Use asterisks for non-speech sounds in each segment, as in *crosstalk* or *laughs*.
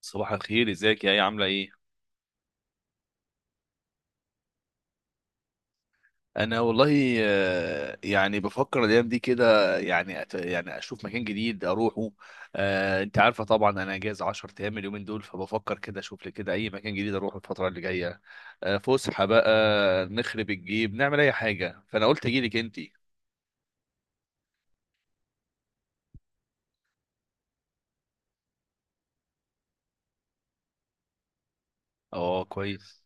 صباح الخير، ازيك؟ يا ايه، عامله ايه؟ انا والله، يعني بفكر الايام دي كده، يعني يعني اشوف مكان جديد اروحه. انت عارفه طبعا انا اجازه 10 ايام اليومين دول، فبفكر كده اشوف لي كده اي مكان جديد اروحه الفتره اللي جايه. فسحه بقى. نخرب الجيب نعمل اي حاجه، فانا قلت اجي لك انت. اه، كويس.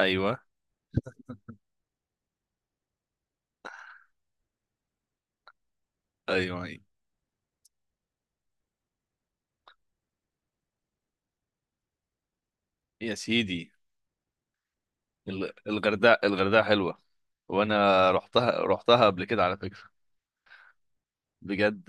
ايوه، ايوه. يا سيدي. الغردقه حلوه. وانا رحتها قبل كده على فكره. بجد.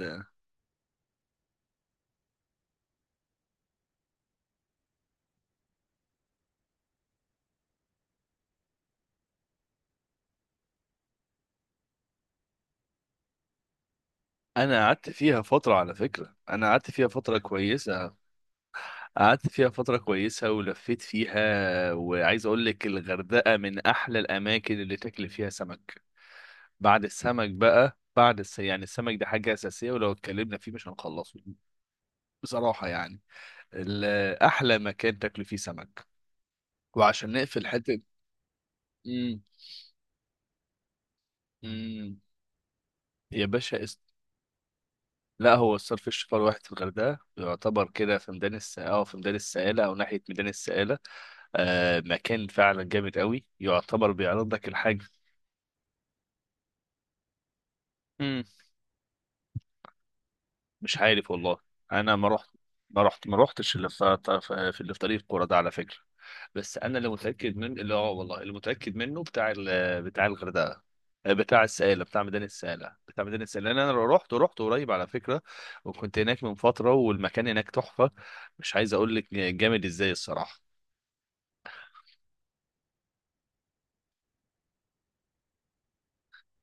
انا قعدت فيها فتره على فكره، انا قعدت فيها فتره كويسه. قعدت فيها فتره كويسه ولفيت فيها، وعايز اقول لك الغردقه من احلى الاماكن اللي تاكل فيها سمك. بعد السمك بقى، يعني السمك ده حاجه اساسيه، ولو اتكلمنا فيه مش هنخلصه. بصراحه يعني. ال- احلى مكان تاكل فيه سمك، وعشان نقفل حته. امم. امم. يا باشا. لا، هو الصرف الشفار واحد في الغردقه، يعتبر كده في ميدان الس... اه في ميدان السائله او ناحيه ميدان السائله. مكان فعلا جامد قوي، يعتبر بيعرض لك الحاجة. امم. مش عارف والله. انا ما رحتش اللي في في اللي في طريق القرى ده على فكرة. بس انا اللي متأكد من، اللي هو والله اللي متأكد منه بتاع بتاع الغردقة. بتاع السائلة، بتاع ميدان السائلة، بتاع ميدان السائلة، لأن انا رحت قريب على فكرة. وكنت هناك من فترة، والمكان هناك تحفة. مش عايز اقول لك جامد ازاي الصراحة.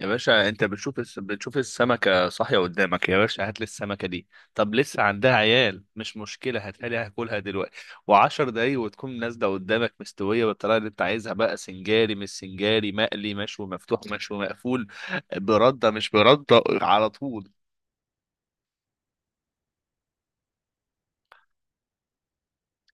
يا باشا انت بتشوف السمكة صاحية قدامك، يا باشا هات لي السمكة دي. طب لسه عندها عيال، مش مشكلة، هاتها لي هاكلها دلوقتي. وعشر دقايق وتكون نازلة قدامك مستوية بالطريقة اللي انت عايزها بقى، سنجاري مش سنجاري، مقلي، مشوي مفتوح، مشوي مقفول. بردة مش بردة، على طول.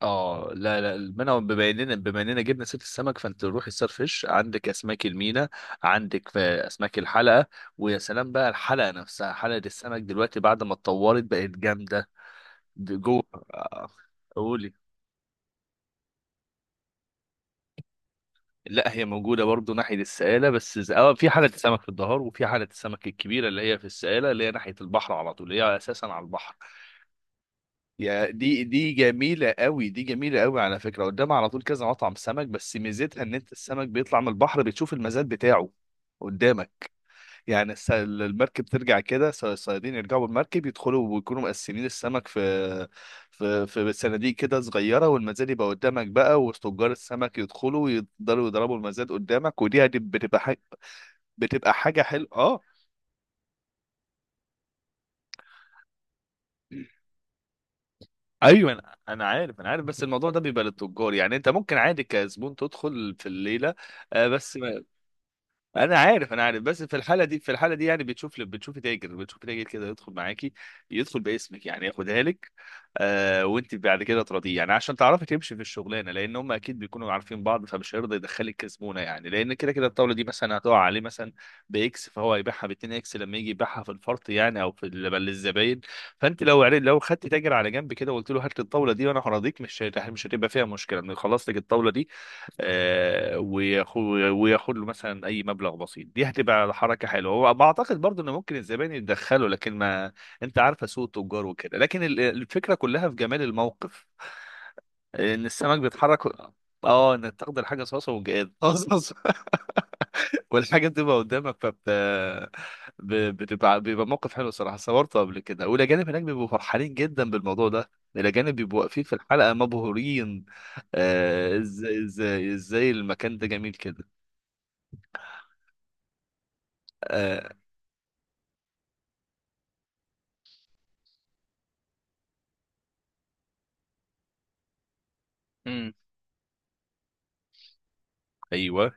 اه، لا، لا، المنع، بما اننا جبنا سيره السمك، فانت روح السار فيش، عندك اسماك المينا. عندك في اسماك الحلقه. ويا سلام بقى، الحلقه نفسها، حلقه السمك دلوقتي بعد ما اتطورت بقت جامده. جوه. آه، قولي. لا، هي موجودة برضو ناحية السقالة، بس في حالة السمك في الظهر، وفي حالة السمك الكبيرة اللي هي في السقالة، اللي هي ناحية البحر على طول، اللي هي أساسا على البحر. يا دي، دي جميلة قوي، دي جميلة قوي على فكرة، قدامها على طول كذا مطعم سمك، بس ميزتها إن أنت السمك بيطلع من البحر بتشوف المزاد بتاعه قدامك. يعني المركب ترجع كده، الصيادين يرجعوا بالمركب يدخلوا ويكونوا مقسمين السمك في في صناديق كده صغيرة، والمزاد يبقى قدامك بقى، وتجار السمك يدخلوا يقدروا يضربوا المزاد قدامك، ودي بتبقى حاجة. بتبقى حاجة حلوة، اه. ايوه، انا عارف، انا عارف، بس الموضوع ده بيبقى للتجار، يعني انت ممكن عادي كزبون تدخل في الليله. بس انا عارف، انا عارف، بس في الحاله دي، في الحاله دي، يعني بتشوف تاجر كده يدخل معاكي. يدخل باسمك يعني، ياخدها لك. وانت بعد كده تراضيه يعني، عشان تعرفي تمشي في الشغلانه، لان هم اكيد بيكونوا عارفين بعض، فمش هيرضى يدخلك كزبونه يعني، لان كده كده الطاوله دي مثلا هتقع عليه مثلا باكس، فهو هيبيعها ب 2 اكس لما يجي يبيعها في الفرط يعني، او في للزباين. فانت لو خدت تاجر على جنب كده وقلت له هات لي الطاوله دي وانا هراضيك، مش هتبقى فيها مشكله انه يخلص لك الطاوله دي. آه، وياخد وياخد له مثلا اي مبلغ بسيط، دي هتبقى حركه حلوه، هو بعتقد برضو ان ممكن الزبائن يتدخلوا، لكن ما انت عارفه سوق التجار وكده، لكن الفكره كلها في جمال الموقف. ان السمك بيتحرك. اه، انك تاخد الحاجه صاصه وجاد. *laughs* والحاجة بتبقى قدامك، فبت ب- بتبقى بيبقى موقف حلو صراحة، صورته قبل كده، والأجانب هناك بيبقوا فرحانين جدا بالموضوع ده. الأجانب بيبقوا واقفين في الحلقة مبهورين. ازاي ازاي ازاي المكان ده جميل كده. آه، امم. ايوه،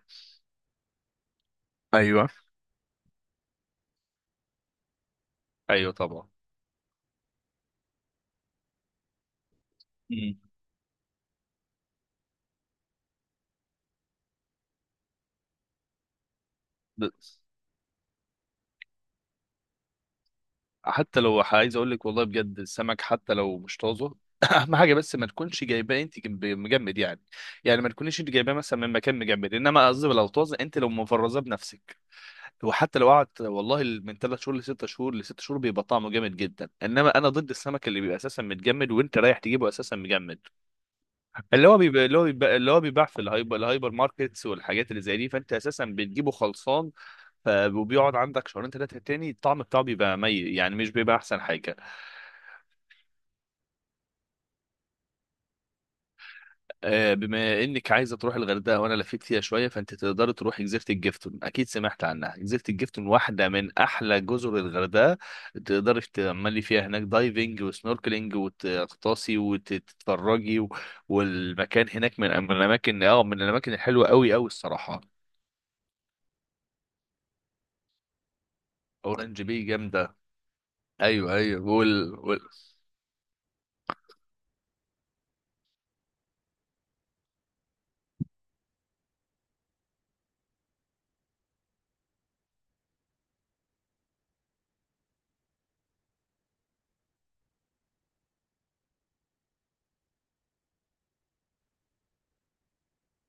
ايوه، ايوه، طبعا. امم. ب- حتى لو عايز اقول لك والله بجد، السمك حتى لو مش طازه، *clears throat* اهم حاجه بس ما تكونش جايباه انت مجمد يعني. يعني ما تكونيش انت جايباه مثلا من مكان مجمد، انما قصدي لو طازه انت لو مفرزاه بنفسك. وحتى لو قعد والله من ثلاث شهور لست شهور، لست شهور، بيبقى طعمه جامد جدا، انما انا ضد السمك اللي بيبقى اساسا متجمد وانت رايح تجيبه اساسا مجمد. اللي هو بيباع في الهايبر ماركتس والحاجات اللي زي دي، فانت اساسا بتجيبه خلصان. وبيقعد عندك شهرين ثلاثه تاني، الطعم بتاعه بيبقى مي يعني، مش بيبقى احسن حاجه. بما انك عايزه تروح الغردقه وانا لفيت فيها شويه، فانت تقدر تروحي جزيره الجفتون، اكيد سمعت عنها، جزيره الجفتون واحده من احلى جزر الغردقه. تقدري تعملي فيها هناك دايفنج وسنوركلينج، وتغطاسي وتتفرجي. و... والمكان هناك من الاماكن الحلوه قوي قوي الصراحه. اورنج بي جامده. ايوه، ايوه.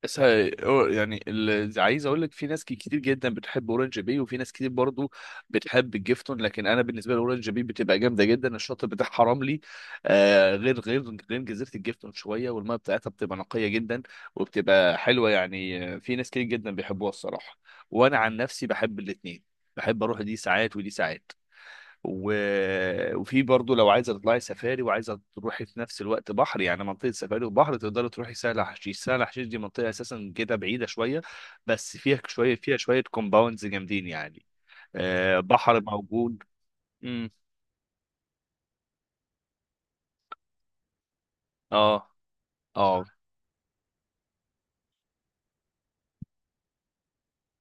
بس يعني اللي عايز اقول لك في ناس كتير جدا بتحب اورنج بي، وفي ناس كتير برضو بتحب الجيفتون، لكن انا بالنسبه لي اورنج بي بتبقى جامده جدا، الشاطئ بتاعها رملي. غير جزيره الجيفتون شويه، والميه بتاعتها بتبقى نقيه جدا. وبتبقى حلوه يعني، في ناس كتير جدا بيحبوها الصراحه. وانا عن نفسي بحب الاثنين. بحب اروح دي ساعات ودي ساعات. و... وفي برضو لو عايزه تطلعي سفاري وعايزه تروحي في نفس الوقت بحر، يعني منطقه سفاري وبحر، تقدري تروحي سهل حشيش. سهل حشيش دي منطقه اساسا كده بعيده شويه، بس فيها شويه كومباوندز جامدين يعني. بحر موجود. امم. اه. اه،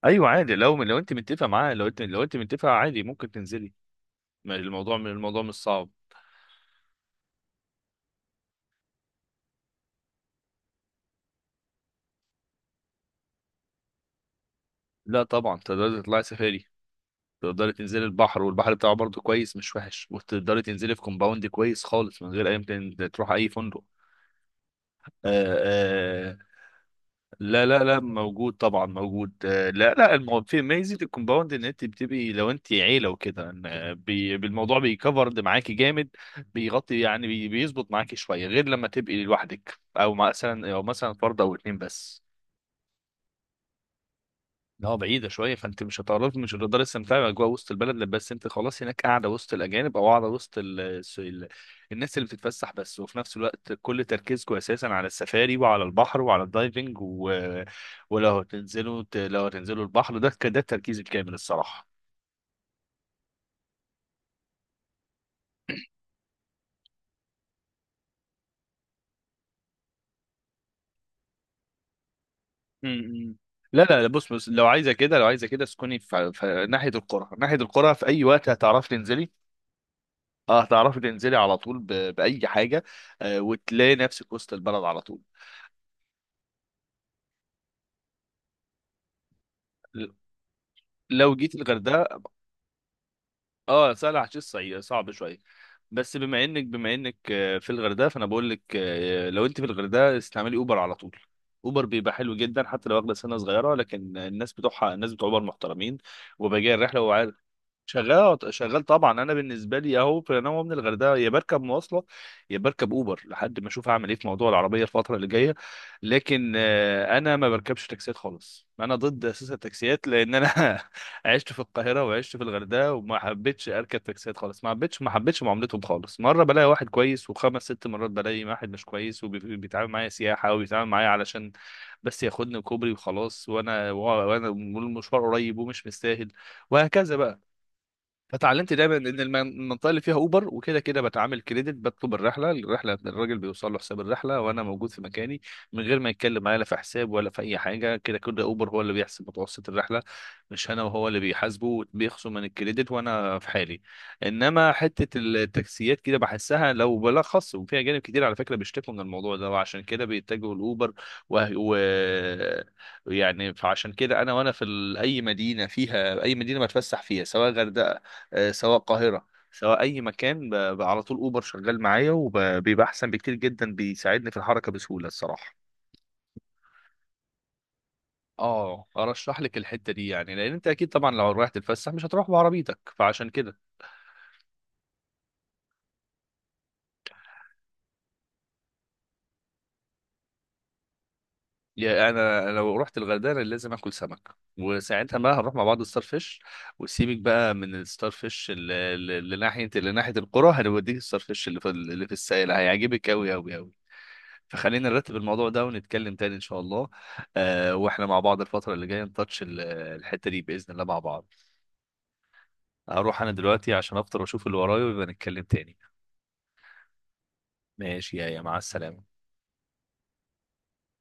ايوه، عادي، لو انت متفقه معاه، لو انت لو انت متفقه عادي ممكن تنزلي. ما الموضوع، من الموضوع مش صعب. لا، طبعا تقدري تطلعي سفاري. تقدري تنزلي البحر، والبحر بتاعه برضه كويس مش وحش، وتقدري تنزلي في كومباوند كويس خالص من غير اي تروح اي فندق. آه آه لا، لا، لا، موجود طبعا، موجود، لا، لا، في ميزه الكومباوند ان انت بتبقي لو انت عيله وكده، بالموضوع بيكفرد معاكي جامد. بيغطي يعني، بيظبط معاكي شويه، غير لما تبقي لوحدك، او مثلا فرد او اتنين بس. اه، بعيدة شوية، فانت مش هتقدر تستمتعي بأجواء وسط البلد، لا، بس انت خلاص هناك قاعدة وسط الأجانب، أو قاعدة وسط الناس اللي بتتفسح بس، وفي نفس الوقت كل تركيزكم أساسا على السفاري وعلى البحر وعلى الدايفنج. و... ولو لو هتنزلوا البحر ده، ده التركيز الكامل الصراحة. م- م. لا، لا، لا، بص لو عايزة كده، لو عايزة كده اسكني في ناحية القرى، ناحية القرى في أي وقت هتعرفي تنزلي. اه، هتعرفي تنزلي على طول بأي حاجة. وتلاقي نفسك وسط البلد على طول. لو جيت الغردقه. اه، سهل عشان الصعيد صعب شويه. بس بما انك في الغردقه، فانا بقول لك، لو انت في الغردقه استعملي اوبر على طول. اوبر بيبقى حلو جدا، حتى لو واخده سنه صغيره، لكن الناس بتوع اوبر محترمين. وبيجي الرحله. شغال، شغال طبعا، انا بالنسبه لي، اهو في، انا من الغردقه يا بركب مواصله يا بركب اوبر، لحد ما اشوف هعمل ايه في موضوع العربيه الفتره اللي جايه. لكن انا ما بركبش تاكسيات خالص، انا ضد اساس التاكسيات لان انا *laughs* عشت في القاهره وعشت في الغردقه، وما حبيتش اركب تاكسيات خالص، ما حبيتش معاملتهم خالص، مره بلاقي واحد كويس، وخمس ست مرات بلاقي واحد مش كويس وبيتعامل معايا سياحه، وبيتعامل معايا علشان بس ياخدني كوبري وخلاص، وانا والمشوار قريب ومش مستاهل، وهكذا بقى. فتعلمت دايما ان المنطقه اللي فيها اوبر وكده كده بتعامل كريدت، بطلب الرحله، الراجل بيوصل له حساب الرحله وانا موجود في مكاني، من غير ما يتكلم معايا لا في حساب ولا في اي حاجه، كده كده اوبر هو اللي بيحسب متوسط الرحله، مش انا، وهو اللي بيحاسبه، بيخصم من الكريدت وانا في حالي. انما حته التاكسيات كده بحسها لو بلخص وفيها جانب كتير، على فكره بيشتكوا من الموضوع ده وعشان كده بيتجهوا الاوبر. و... و... يعني فعشان كده انا، اي مدينه فيها، اي مدينه بتفسح فيها، سواء غردقه، سواء القاهرة، سواء أي مكان، على طول أوبر شغال معايا، وبيبقى أحسن بكتير جدا، بيساعدني في الحركة بسهولة الصراحة. اه، ارشح لك الحته دي يعني، لان انت اكيد طبعا لو رايح تتفسح مش هتروح بعربيتك، فعشان كده. يعني انا لو رحت الغردقه لازم اكل سمك، وساعتها بقى هنروح مع بعض الستار فيش. وسيبك بقى من الستار فيش اللي ناحيه القرى، هنوديك الستار فيش اللي في السائل، هيعجبك قوي قوي قوي. فخلينا نرتب الموضوع ده ونتكلم تاني ان شاء الله. واحنا مع بعض الفترة اللي جاية نتاتش الحتة دي بإذن الله مع بعض. هروح انا دلوقتي عشان افطر واشوف اللي ورايا، ويبقى نتكلم تاني. ماشي، يا مع السلامة.